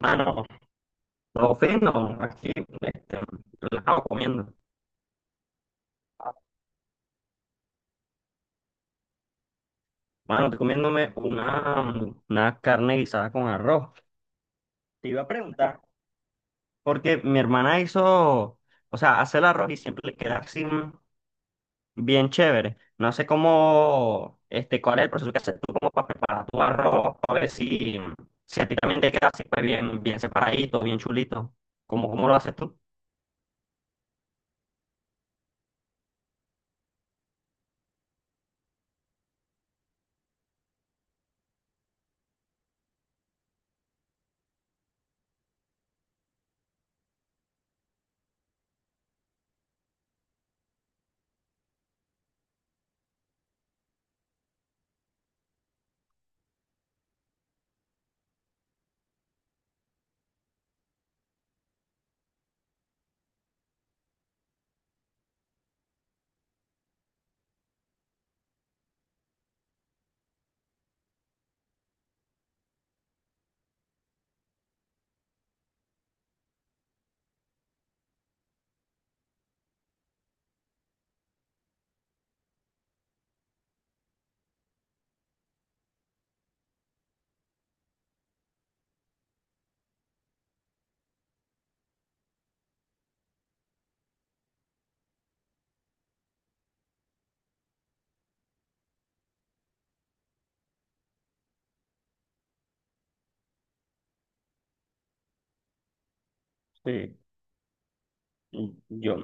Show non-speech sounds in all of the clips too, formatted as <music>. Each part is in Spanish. Mano, no ofendo, aquí, este, relajado comiendo. Mano, estoy comiéndome una carne guisada con arroz. Te iba a preguntar, porque mi hermana hizo, o sea, hace el arroz y siempre le queda así bien chévere. No sé cómo, cuál es el proceso que haces tú como para preparar tu arroz, para ver si a ti también te queda así, pues bien, bien separadito, bien chulito. ¿Cómo lo haces tú? Sí, yo.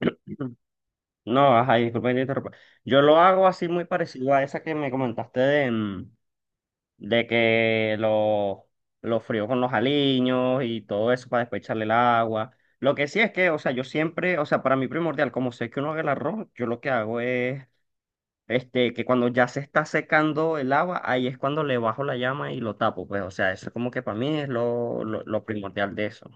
<clears throat> No, ajá, disculpa que te interrumpa. Yo lo hago así muy parecido a esa que me comentaste de que lo frío con los aliños y todo eso para después echarle el agua. Lo que sí es que, o sea, yo siempre, o sea, para mí primordial, como sé que uno haga el arroz, yo lo que hago es, que cuando ya se está secando el agua, ahí es cuando le bajo la llama y lo tapo, pues, o sea, eso como que para mí es lo primordial de eso.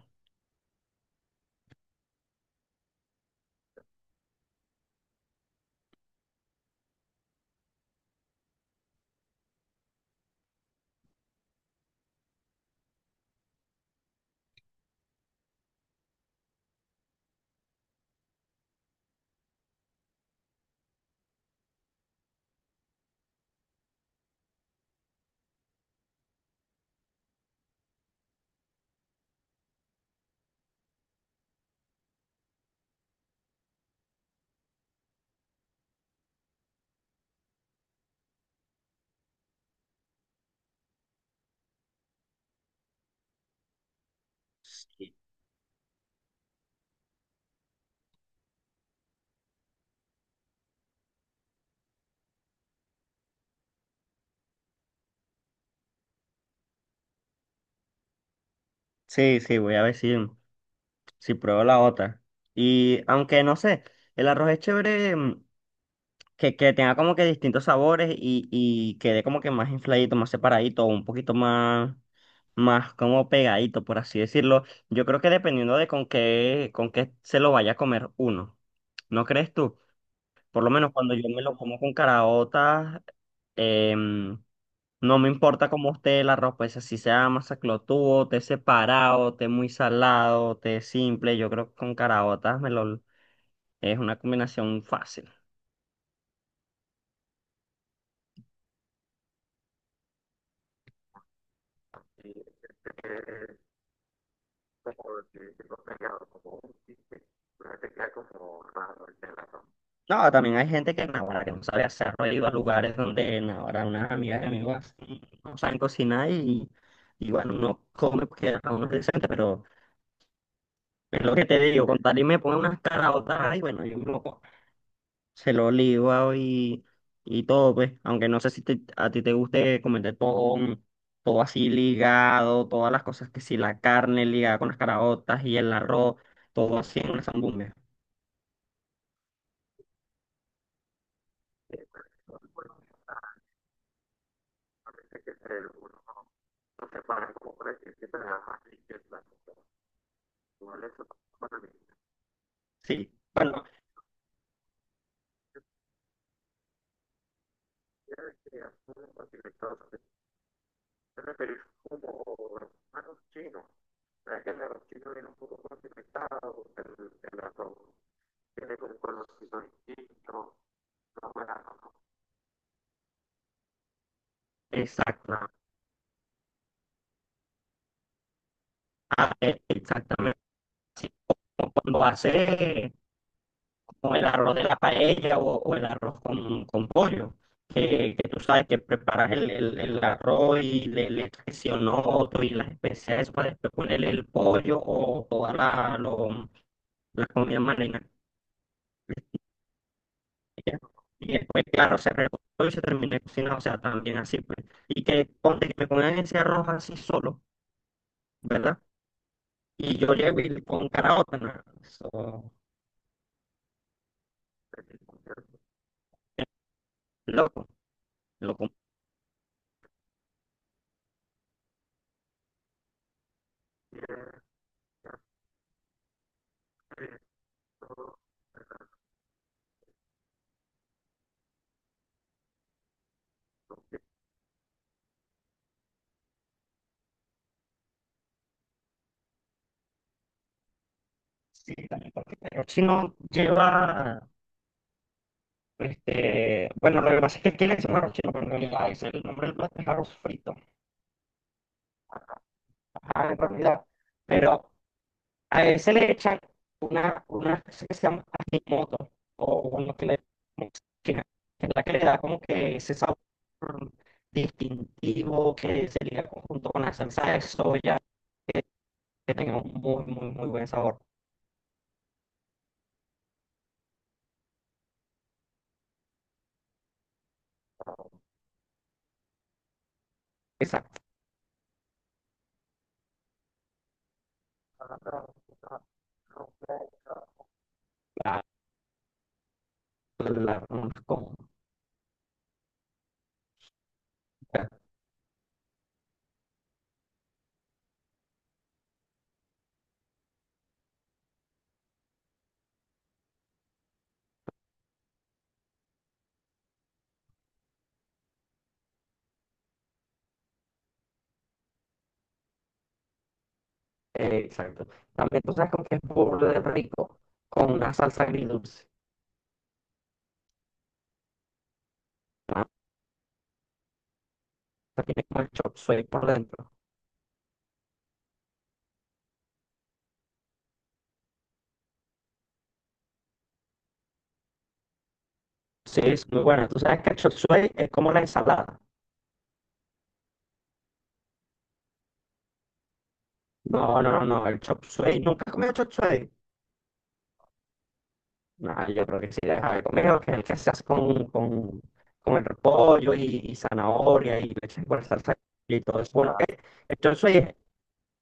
Sí, sí, voy a decir. Si pruebo la otra. Y aunque no sé, el arroz es chévere que tenga como que distintos sabores y quede como que más infladito, más separadito, un poquito más como pegadito, por así decirlo. Yo creo que dependiendo de con qué, se lo vaya a comer uno. ¿No crees tú? Por lo menos cuando yo me lo como con caraotas, em, no me importa cómo esté la ropa, esa si sea masaclotudo, té separado, té muy salado, té simple, yo creo que con caraotas me lo, es una combinación fácil. No, también hay gente que, naguará, que no sabe hacerlo, he ido a lugares donde naguará, unas amigas y amigos no saben cocinar y bueno, uno come porque a uno es decente, pero es lo que te digo, con tal y me pone unas caraotas, y bueno, yo me lo como. Se lo liba y todo, pues. Aunque no sé si a ti te guste comer todo, todo así ligado, todas las cosas que si la carne ligada con las caraotas y el arroz, todo así en una zambumbia. Sí, bueno, exacto. Ah, exactamente. Así como cuando hace o el arroz de la paella o el arroz con pollo, que tú sabes que preparas el arroz y le echas que sí otro y las especias, eso, para después ponerle el pollo o toda la comida marina. Y después, claro, se recortó y se terminó de cocinar, o sea, también así, pues. Y que ponte que me ponen ese arroz así solo, ¿verdad? Y yo llego y con caraota, ¿no? Eso, loco, loco. Sí, también porque el arroz chino lleva. Bueno, lo que pasa es que aquí le decimos arroz chino, pero en realidad ese es el nombre del plato es arroz frito. Ajá, en realidad. Pero a ese le echan una cosa que se llama ajimoto, o bueno, que es la que le da como que ese sabor distintivo que se liga junto con la salsa de soya, que, que tenga un muy, muy, muy buen sabor. Exacto. La, la, la- con- exacto. También tú sabes con qué es burde rico, con una salsa agridulce. La salsa tiene como el chop suey por dentro. Sí, es muy buena. Tú sabes que el chop suey es como la ensalada. No, no, no, no, el chop suey. ¿Nunca has comido chop suey? No, yo creo que sí, deja de comer, que es el que se hace con el repollo y zanahoria y leche por salsa y todo eso. Bueno, el chop suey es,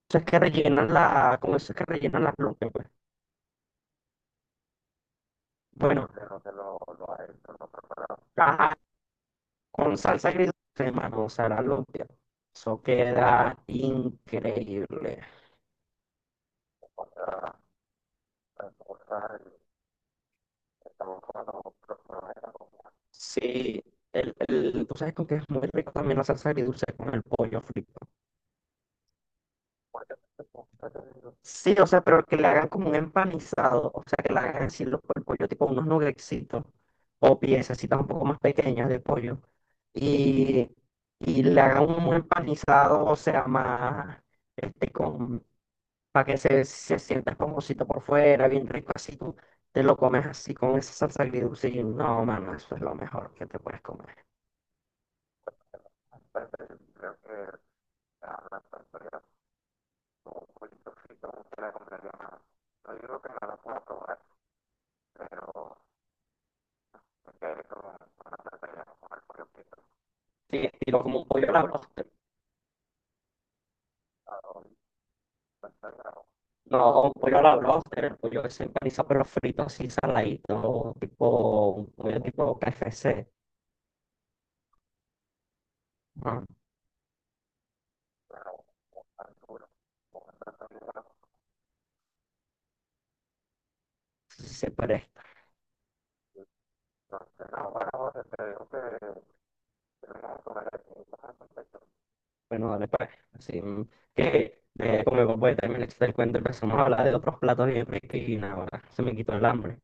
eso es que rellenan la, como eso es que rellenan las lumpias, pues. Bueno, pero no con salsa gris, hermano, será lumpia. Eso queda increíble. Sí, tú sabes con que es muy rico también la salsa agridulce con el pollo frito. Sí, o sea, pero que le hagan como un empanizado, o sea, que le hagan así el pollo, tipo unos nuggetsitos o piececitas un poco más pequeñas de pollo y, y le hagan un empanizado, o sea, más con para que se sienta esponjosito por fuera, bien rico, así tú te lo comes así con esa salsa agridulce y no, mano, eso es lo mejor que te puedes comer. Sí, estilo como un pollo a la bróster. No, un pollo a la bróster, el pollo ese empanizado, pero frito así, saladito, tipo, un pollo tipo KFC. Ah, sí, sí, pero. Bueno, dale pues, así, que como mi papá también le el cuento y empezamos a hablar de otros platos bien ricos y nada, ahora se me quitó el hambre.